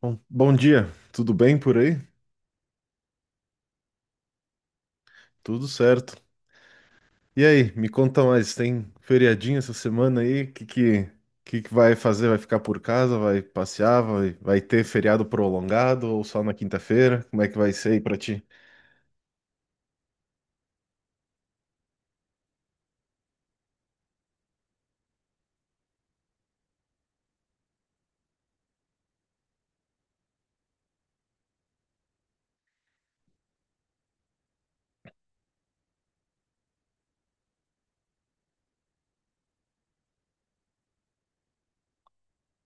Bom dia, tudo bem por aí? Tudo certo. E aí, me conta mais, tem feriadinho essa semana aí? O que que vai fazer? Vai ficar por casa? Vai passear? Vai ter feriado prolongado ou só na quinta-feira? Como é que vai ser aí pra ti?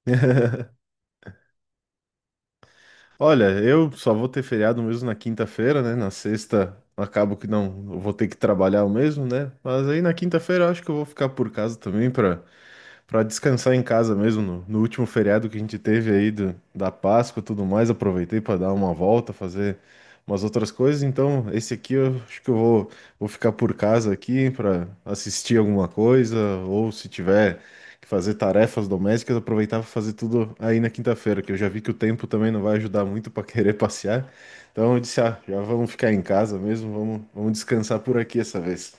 Olha, eu só vou ter feriado mesmo na quinta-feira, né? Na sexta acabo que não, eu vou ter que trabalhar o mesmo, né? Mas aí na quinta-feira eu acho que eu vou ficar por casa também para descansar em casa mesmo, no último feriado que a gente teve aí da Páscoa e tudo mais, aproveitei para dar uma volta, fazer umas outras coisas. Então, esse aqui eu acho que vou ficar por casa aqui para assistir alguma coisa, ou se tiver que fazer tarefas domésticas, aproveitar para fazer tudo aí na quinta-feira, que eu já vi que o tempo também não vai ajudar muito para querer passear. Então, eu disse, ah, já vamos ficar em casa mesmo, vamos descansar por aqui essa vez.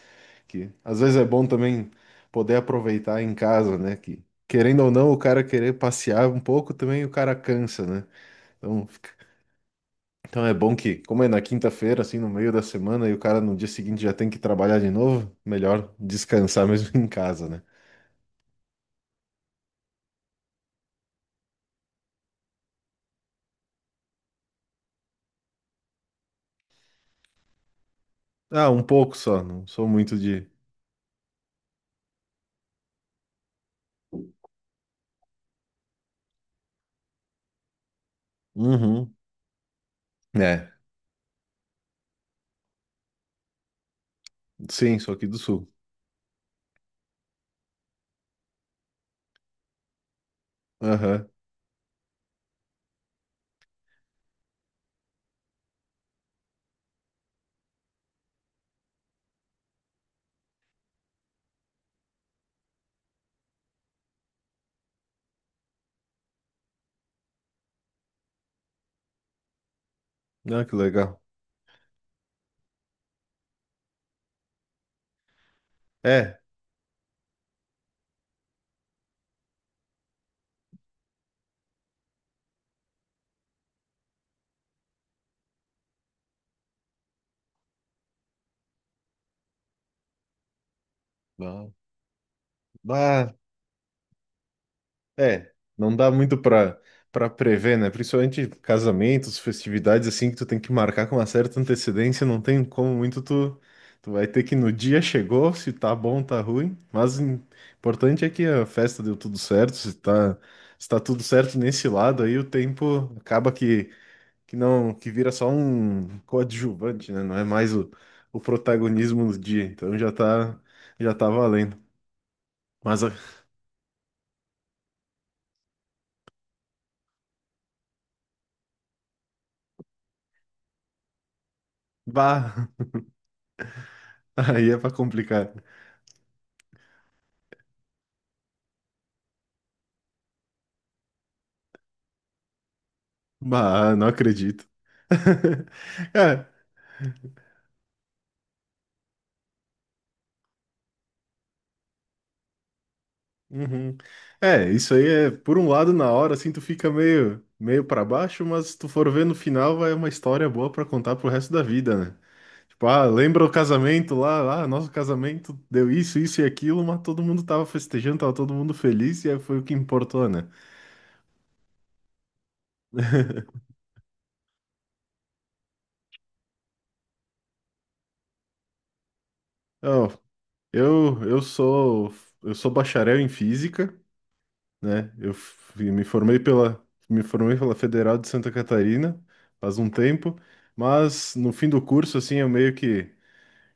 Que às vezes é bom também poder aproveitar em casa, né? Que querendo ou não, o cara querer passear um pouco também o cara cansa, né? Então, então é bom que, como é na quinta-feira, assim, no meio da semana, e o cara no dia seguinte já tem que trabalhar de novo, melhor descansar mesmo em casa, né? Ah, um pouco só, não sou muito de. Uhum. É, sim, sou aqui do sul. Aham. Ah, que legal. É. Ah, é, não dá muito pra para prever, né? Principalmente casamentos, festividades assim que tu tem que marcar com uma certa antecedência, não tem como muito tu vai ter que no dia chegou, se tá bom, tá ruim, mas o importante é que a festa deu tudo certo, se se tá tudo certo nesse lado aí, o tempo acaba que não que vira só um coadjuvante, né? Não é mais o protagonismo do dia, então já tá valendo. Mas a- bah, aí é pra complicar. Bah, não acredito. É, uhum. É, isso aí é, por um lado, na hora, assim, tu fica meio para baixo, mas se tu for ver no final, vai uma história boa pra contar pro resto da vida, né? Tipo, ah, lembra o casamento lá, ah, nosso casamento deu isso, isso e aquilo, mas todo mundo tava festejando, tava todo mundo feliz e aí foi o que importou, né? Ó, eu, eu sou, eu sou bacharel em física. Né? Me formei pela Federal de Santa Catarina faz um tempo, mas no fim do curso, assim, eu meio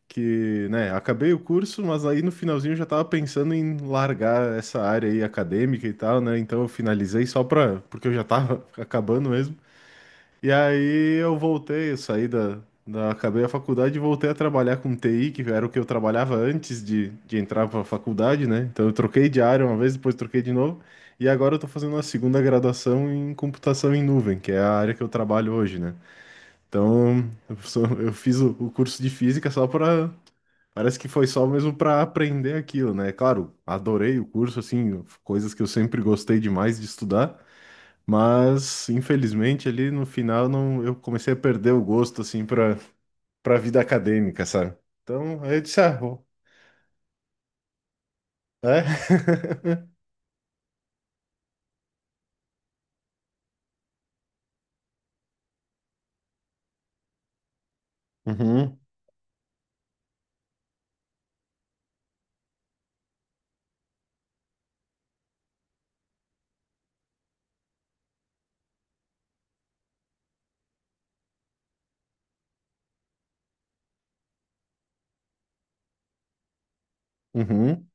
que, né, acabei o curso, mas aí no finalzinho eu já tava pensando em largar essa área aí acadêmica e tal, né? Então eu finalizei só pra, porque eu já tava acabando mesmo. E aí eu saí da acabei a faculdade e voltei a trabalhar com TI, que era o que eu trabalhava antes de entrar para a faculdade, né? Então eu troquei de área uma vez, depois troquei de novo, e agora eu tô fazendo a segunda graduação em computação em nuvem, que é a área que eu trabalho hoje, né? Eu fiz o curso de física só para parece que foi só mesmo para aprender aquilo, né? Claro, adorei o curso, assim, coisas que eu sempre gostei demais de estudar, mas, infelizmente, ali no final não, eu comecei a perder o gosto, assim, para vida acadêmica, sabe? Então, aí eu disse, é? Uhum, uhum,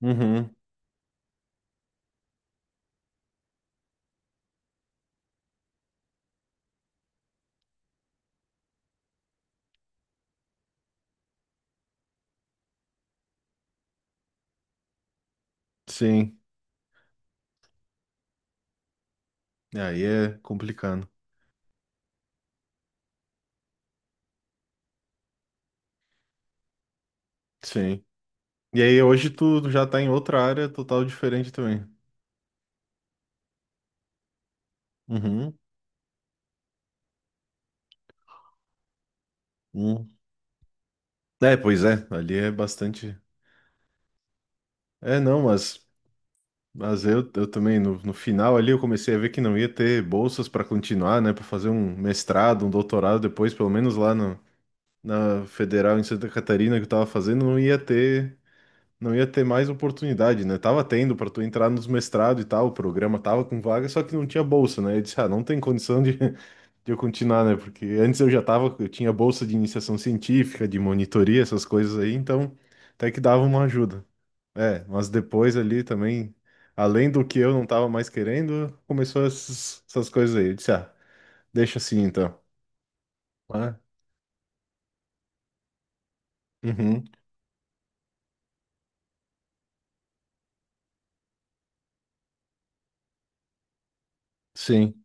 uhum, sim. Aí é complicado, sim. E aí hoje tu já tá em outra área total diferente também. Uhum, uhum. É, pois é, ali é bastante... É, não, mas... Mas eu também, no final ali, eu comecei a ver que não ia ter bolsas para continuar, né? Para fazer um mestrado, um doutorado depois, pelo menos lá no, na Federal em Santa Catarina que eu tava fazendo, não ia ter, não ia ter mais oportunidade, né? Tava tendo para tu entrar nos mestrados e tal, o programa tava com vaga, só que não tinha bolsa, né? Eu disse, ah, não tem condição de eu continuar, né? Porque antes eu já tava, eu tinha bolsa de iniciação científica, de monitoria, essas coisas aí, então até que dava uma ajuda. É, mas depois ali também, além do que eu não tava mais querendo, começou essas coisas aí. Eu disse, ah, deixa assim então. Ah, uhum, sim,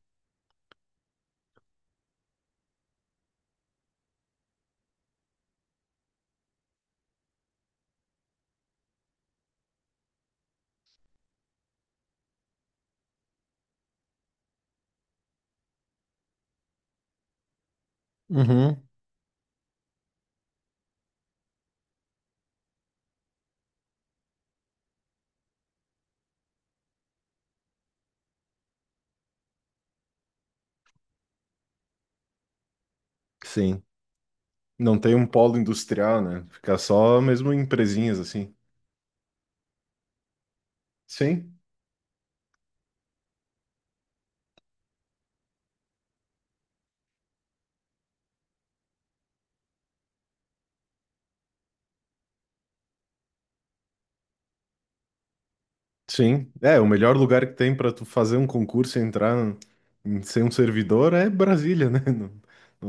uhum, sim. Não tem um polo industrial, né? Fica só mesmo empresinhas assim. Sim, sim. É, o melhor lugar que tem para tu fazer um concurso e entrar em ser um servidor é Brasília, né? Não,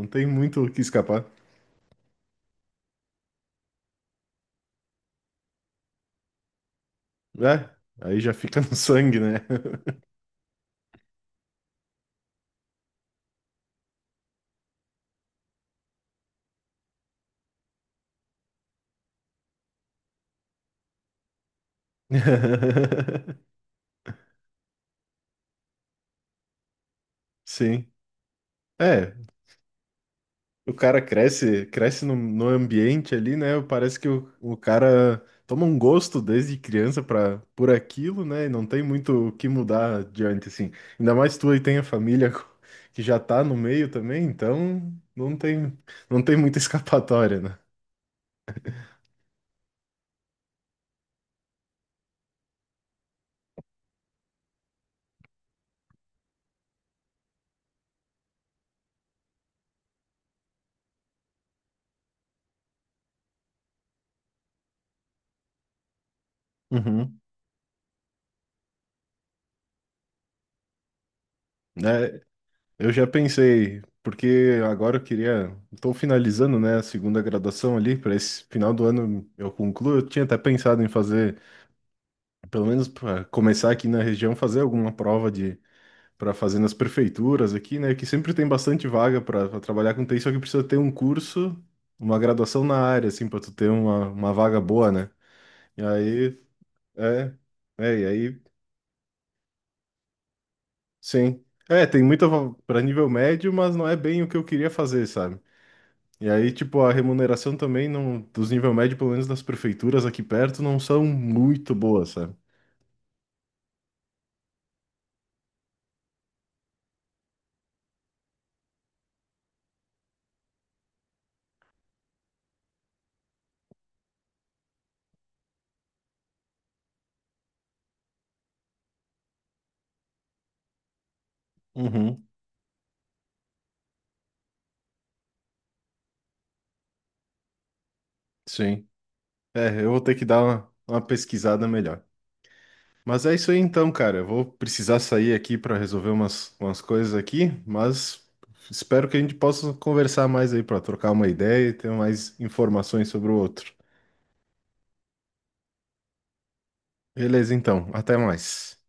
não tem muito o que escapar. É, aí já fica no sangue, né? Sim. É, o cara cresce, cresce no ambiente ali, né? Parece que o cara toma um gosto desde criança para por aquilo, né? E não tem muito o que mudar adiante, assim. Ainda mais tu aí tem a família que já tá no meio também, então não tem, não tem muita escapatória, né? Uhum. É, eu já pensei, porque agora eu queria. Estou finalizando, né, a segunda graduação ali, para esse final do ano eu concluo. Eu tinha até pensado em fazer pelo menos para começar aqui na região, fazer alguma prova de para fazer nas prefeituras aqui, né? Que sempre tem bastante vaga para trabalhar com TI, só que precisa ter um curso, uma graduação na área, assim, para tu ter uma vaga boa, né? E aí, é, e aí, sim. É, tem muita para nível médio, mas não é bem o que eu queria fazer, sabe? E aí, tipo, a remuneração também não, dos nível médio, pelo menos nas prefeituras aqui perto, não são muito boas, sabe? Uhum, sim. É, eu vou ter que dar uma pesquisada melhor. Mas é isso aí então, cara. Eu vou precisar sair aqui para resolver umas coisas aqui, mas espero que a gente possa conversar mais aí para trocar uma ideia e ter mais informações sobre o outro. Beleza, então. Até mais.